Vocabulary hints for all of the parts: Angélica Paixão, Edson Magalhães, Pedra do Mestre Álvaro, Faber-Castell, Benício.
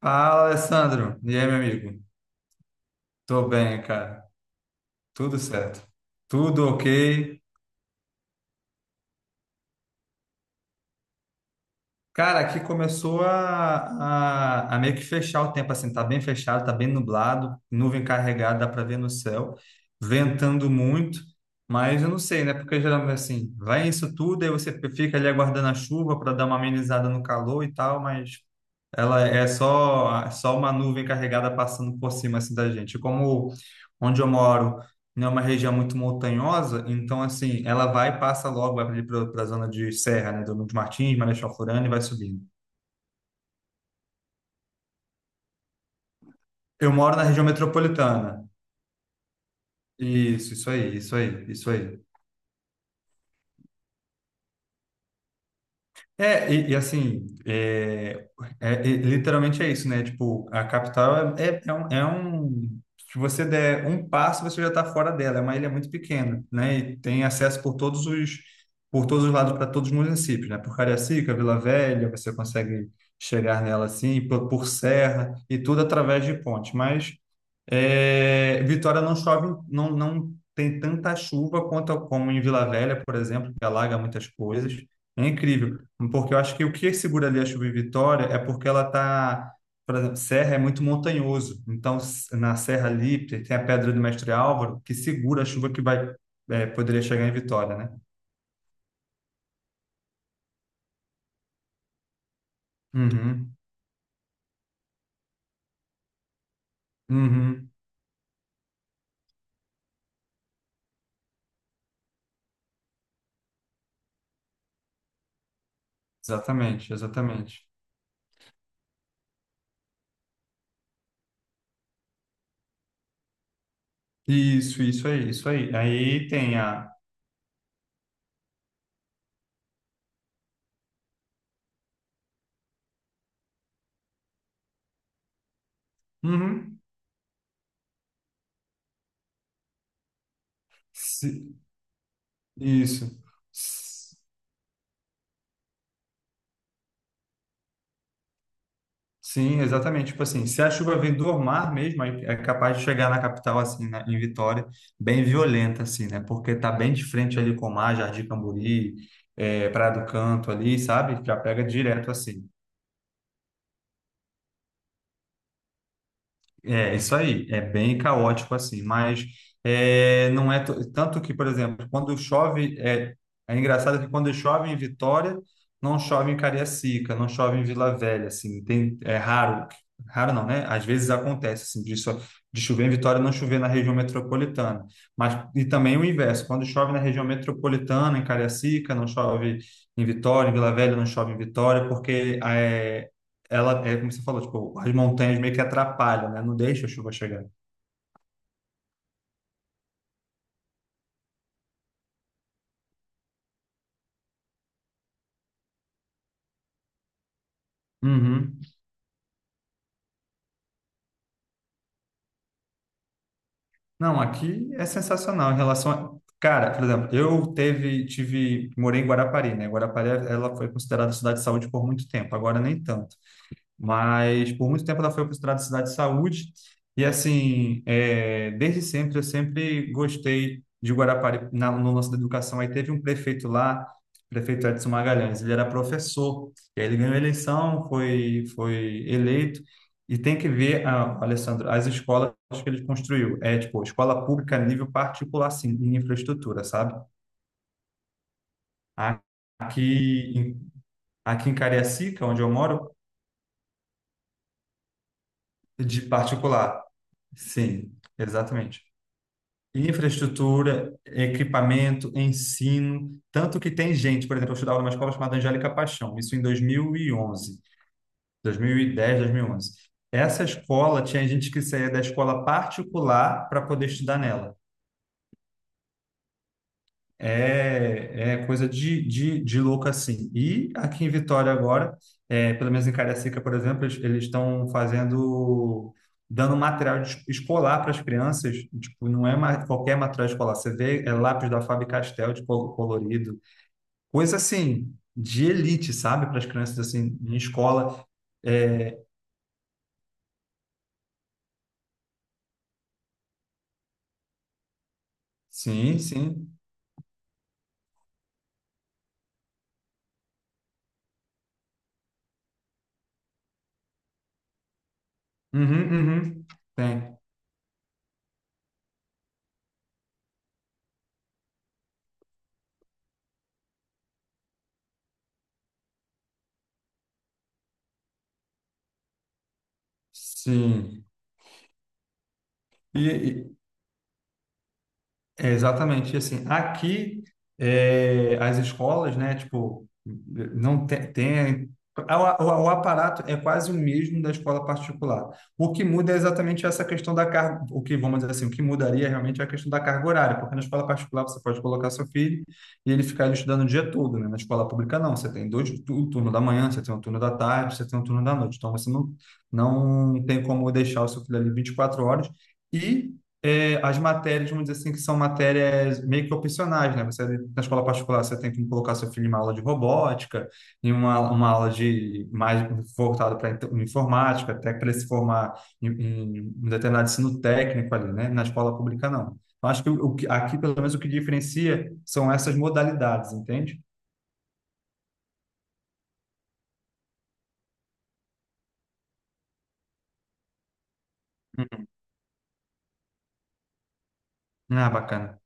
Fala, Alessandro. E aí, meu amigo? Tô bem, cara. Tudo certo. Tudo ok. Cara, aqui começou a meio que fechar o tempo, assim. Tá bem fechado, tá bem nublado, nuvem carregada, dá pra ver no céu. Ventando muito, mas eu não sei, né? Porque geralmente, assim, vai isso tudo, aí você fica ali aguardando a chuva para dar uma amenizada no calor e tal, mas ela é só uma nuvem carregada passando por cima assim da gente. Como onde eu moro não é uma região muito montanhosa, então assim, ela vai e passa logo, vai ali para a zona de Serra, né? Do Nuno de Martins, Marechal Floriano e vai subindo. Eu moro na região metropolitana. Isso aí, isso aí, isso aí. É, e assim, literalmente é isso, né? Tipo, a capital se você der um passo, você já está fora dela. É uma ilha muito pequena, né? E tem acesso por todos os lados para todos os municípios, né? Por Cariacica, Vila Velha, você consegue chegar nela assim, por Serra, e tudo através de ponte. Mas é, Vitória não chove, não, não tem tanta chuva quanto como em Vila Velha, por exemplo, que alaga muitas coisas. É incrível, porque eu acho que o que segura ali a chuva em Vitória é porque ela tá, por exemplo, Serra é muito montanhoso, então na Serra ali tem a Pedra do Mestre Álvaro que segura a chuva que vai poderia chegar em Vitória, né? Uhum, uhum, exatamente, exatamente. Isso aí, isso aí. Aí tem a, uhum, se- isso. Sim, exatamente. Tipo assim, se a chuva vem do mar mesmo, aí é capaz de chegar na capital, assim, né, em Vitória, bem violenta, assim, né? Porque tá bem de frente ali com o mar, Jardim Camburi, Praia do Canto ali, sabe? Já pega direto, assim. É, isso aí, é bem caótico assim, mas não é tanto que, por exemplo, quando chove, é engraçado que quando chove em Vitória, não chove em Cariacica, não chove em Vila Velha, assim, tem, é raro, raro não, né? Às vezes acontece, assim, de, de chover em Vitória, não chover na região metropolitana, mas, e também o inverso, quando chove na região metropolitana, em Cariacica, não chove em Vitória, em Vila Velha, não chove em Vitória, porque ela é como você falou, tipo, as montanhas meio que atrapalham, né? Não deixa a chuva chegar. Uhum. Não, aqui é sensacional em relação a... Cara, por exemplo, eu tive, morei em Guarapari, né? Guarapari, ela foi considerada cidade de saúde por muito tempo, agora nem tanto. Mas por muito tempo ela foi considerada cidade de saúde. E assim, é, desde sempre, eu sempre gostei de Guarapari no lance da educação. Aí teve um prefeito lá, prefeito Edson Magalhães, ele era professor, e aí ele ganhou a eleição, foi eleito. E tem que ver, ah, Alessandro, as escolas que ele construiu. É tipo, escola pública a nível particular, sim, em infraestrutura, sabe? Aqui, aqui em Cariacica, onde eu moro, de particular. Sim, exatamente. Infraestrutura, equipamento, ensino, tanto que tem gente, por exemplo, eu estudava numa escola chamada Angélica Paixão, isso em 2011, 2010, 2011. Essa escola tinha gente que saía da escola particular para poder estudar nela. É coisa de louco assim. E aqui em Vitória agora, é, pelo menos em Cariacica, por exemplo, eles estão fazendo, dando material escolar para as crianças. Tipo, não é qualquer material escolar. Você vê é lápis da Faber-Castell de colorido, coisa assim de elite, sabe? Para as crianças assim em escola. É, sim, sim. Uhum, uhum. Tem. Sim. E, é, exatamente, e assim, aqui as escolas, né, tipo, não tem, o, o aparato é quase o mesmo da escola particular. O que muda é exatamente essa questão da carga, o que, vamos dizer assim, o que mudaria realmente é a questão da carga horária, porque na escola particular você pode colocar seu filho e ele ficar ali estudando o dia todo, né? Na escola pública não, você tem o turno da manhã, você tem um turno da tarde, você tem um turno da noite, então você não, não tem como deixar o seu filho ali 24 horas, e é, as matérias, vamos dizer assim, que são matérias meio que opcionais, né? Você, na escola particular, você tem que colocar seu filho em uma aula de robótica, em uma aula de mais voltada para informática, até para ele se formar em um determinado ensino técnico ali, né? Na escola pública, não. Então, acho que o que- aqui, pelo menos, o que diferencia são essas modalidades, entende? Uhum. Ah, bacana.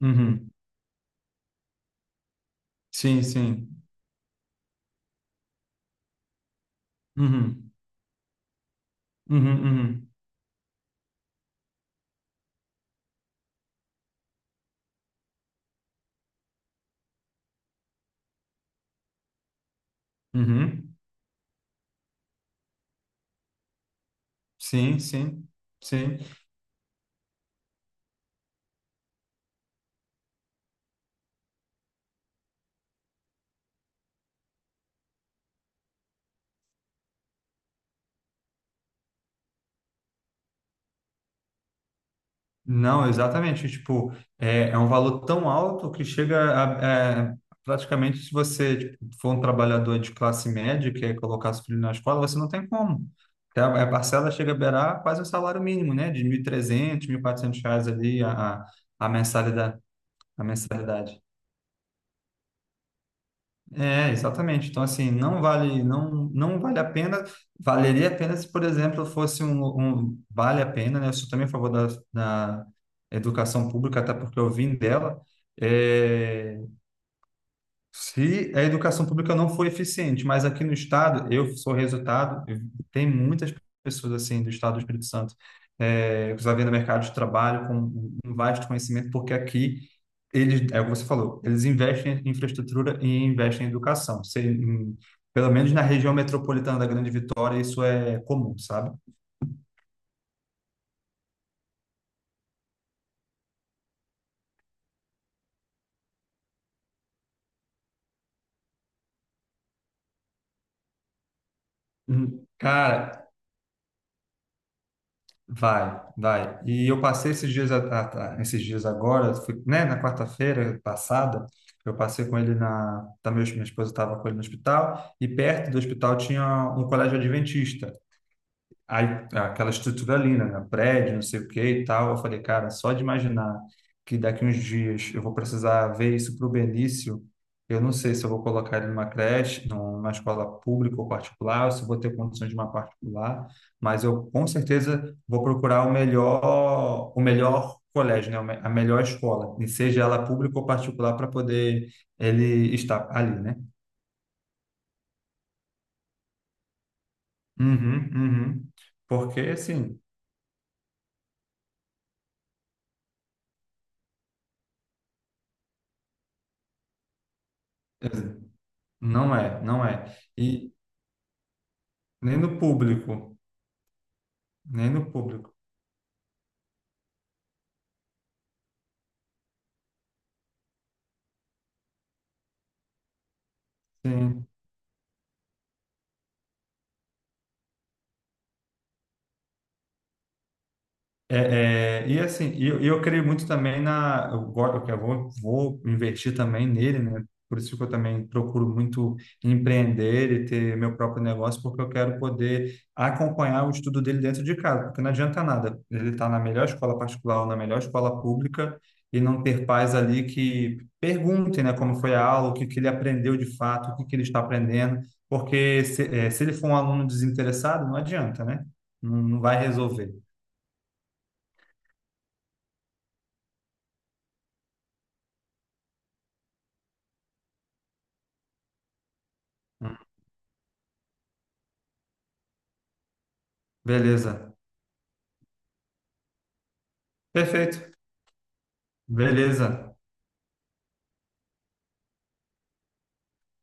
Uhum. Sim, sim. Uhum. Uhum, uhum. Uhum. Sim, sim. Sim. Não, exatamente. Tipo, é um valor tão alto que chega a, praticamente se você tipo, for um trabalhador de classe média e quer colocar seu filho na escola, você não tem como. Porque a parcela chega a beirar quase o salário mínimo, né? De 1.300, 400 reais ali a a mensalidade, a mensalidade. É, exatamente. Então, assim, não vale, não, não vale a pena, valeria a pena se, por exemplo, fosse vale a pena, né? Eu sou também a favor da educação pública, até porque eu vim dela. É, se a educação pública não foi eficiente, mas aqui no estado, eu sou resultado, tem muitas pessoas assim do estado do Espírito Santo, que já vêm no mercado de trabalho com um vasto conhecimento, porque aqui eles, é o que você falou, eles investem em infraestrutura e investem em educação. Pelo menos na região metropolitana da Grande Vitória, isso é comum, sabe? Cara, vai, vai. E eu passei esses dias, esses dias agora, né, na quarta-feira passada, eu passei com ele minha esposa estava com ele no hospital, e perto do hospital tinha um colégio adventista. Aí, aquela estrutura ali, né? prédio, não sei o que e tal. Eu falei, cara, só de imaginar que daqui uns dias eu vou precisar ver isso para o Benício, eu não sei se eu vou colocar ele numa creche, numa escola pública ou particular, ou se eu vou ter condições de uma particular, mas eu com certeza vou procurar o melhor colégio, né? A melhor escola, e seja ela pública ou particular, para poder ele estar ali, né? Uhum, uhum. Porque, assim, não é, não é. E nem no público, nem no público. Sim. E assim, e eu creio muito também na. Eu vou investir também nele, né? Por isso que eu também procuro muito empreender e ter meu próprio negócio, porque eu quero poder acompanhar o estudo dele dentro de casa, porque não adianta nada. Ele está na melhor escola particular ou na melhor escola pública e não ter pais ali que perguntem, né, como foi a aula, o que, que ele aprendeu de fato, o que, que ele está aprendendo, porque se, se ele for um aluno desinteressado, não adianta, né? Não, não vai resolver. Beleza. Perfeito. Beleza.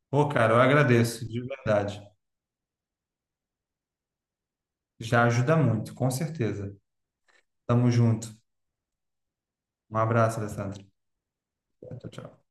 Pô, cara, eu agradeço, de verdade. Já ajuda muito, com certeza. Tamo junto. Um abraço, Alessandro. Tchau, tchau.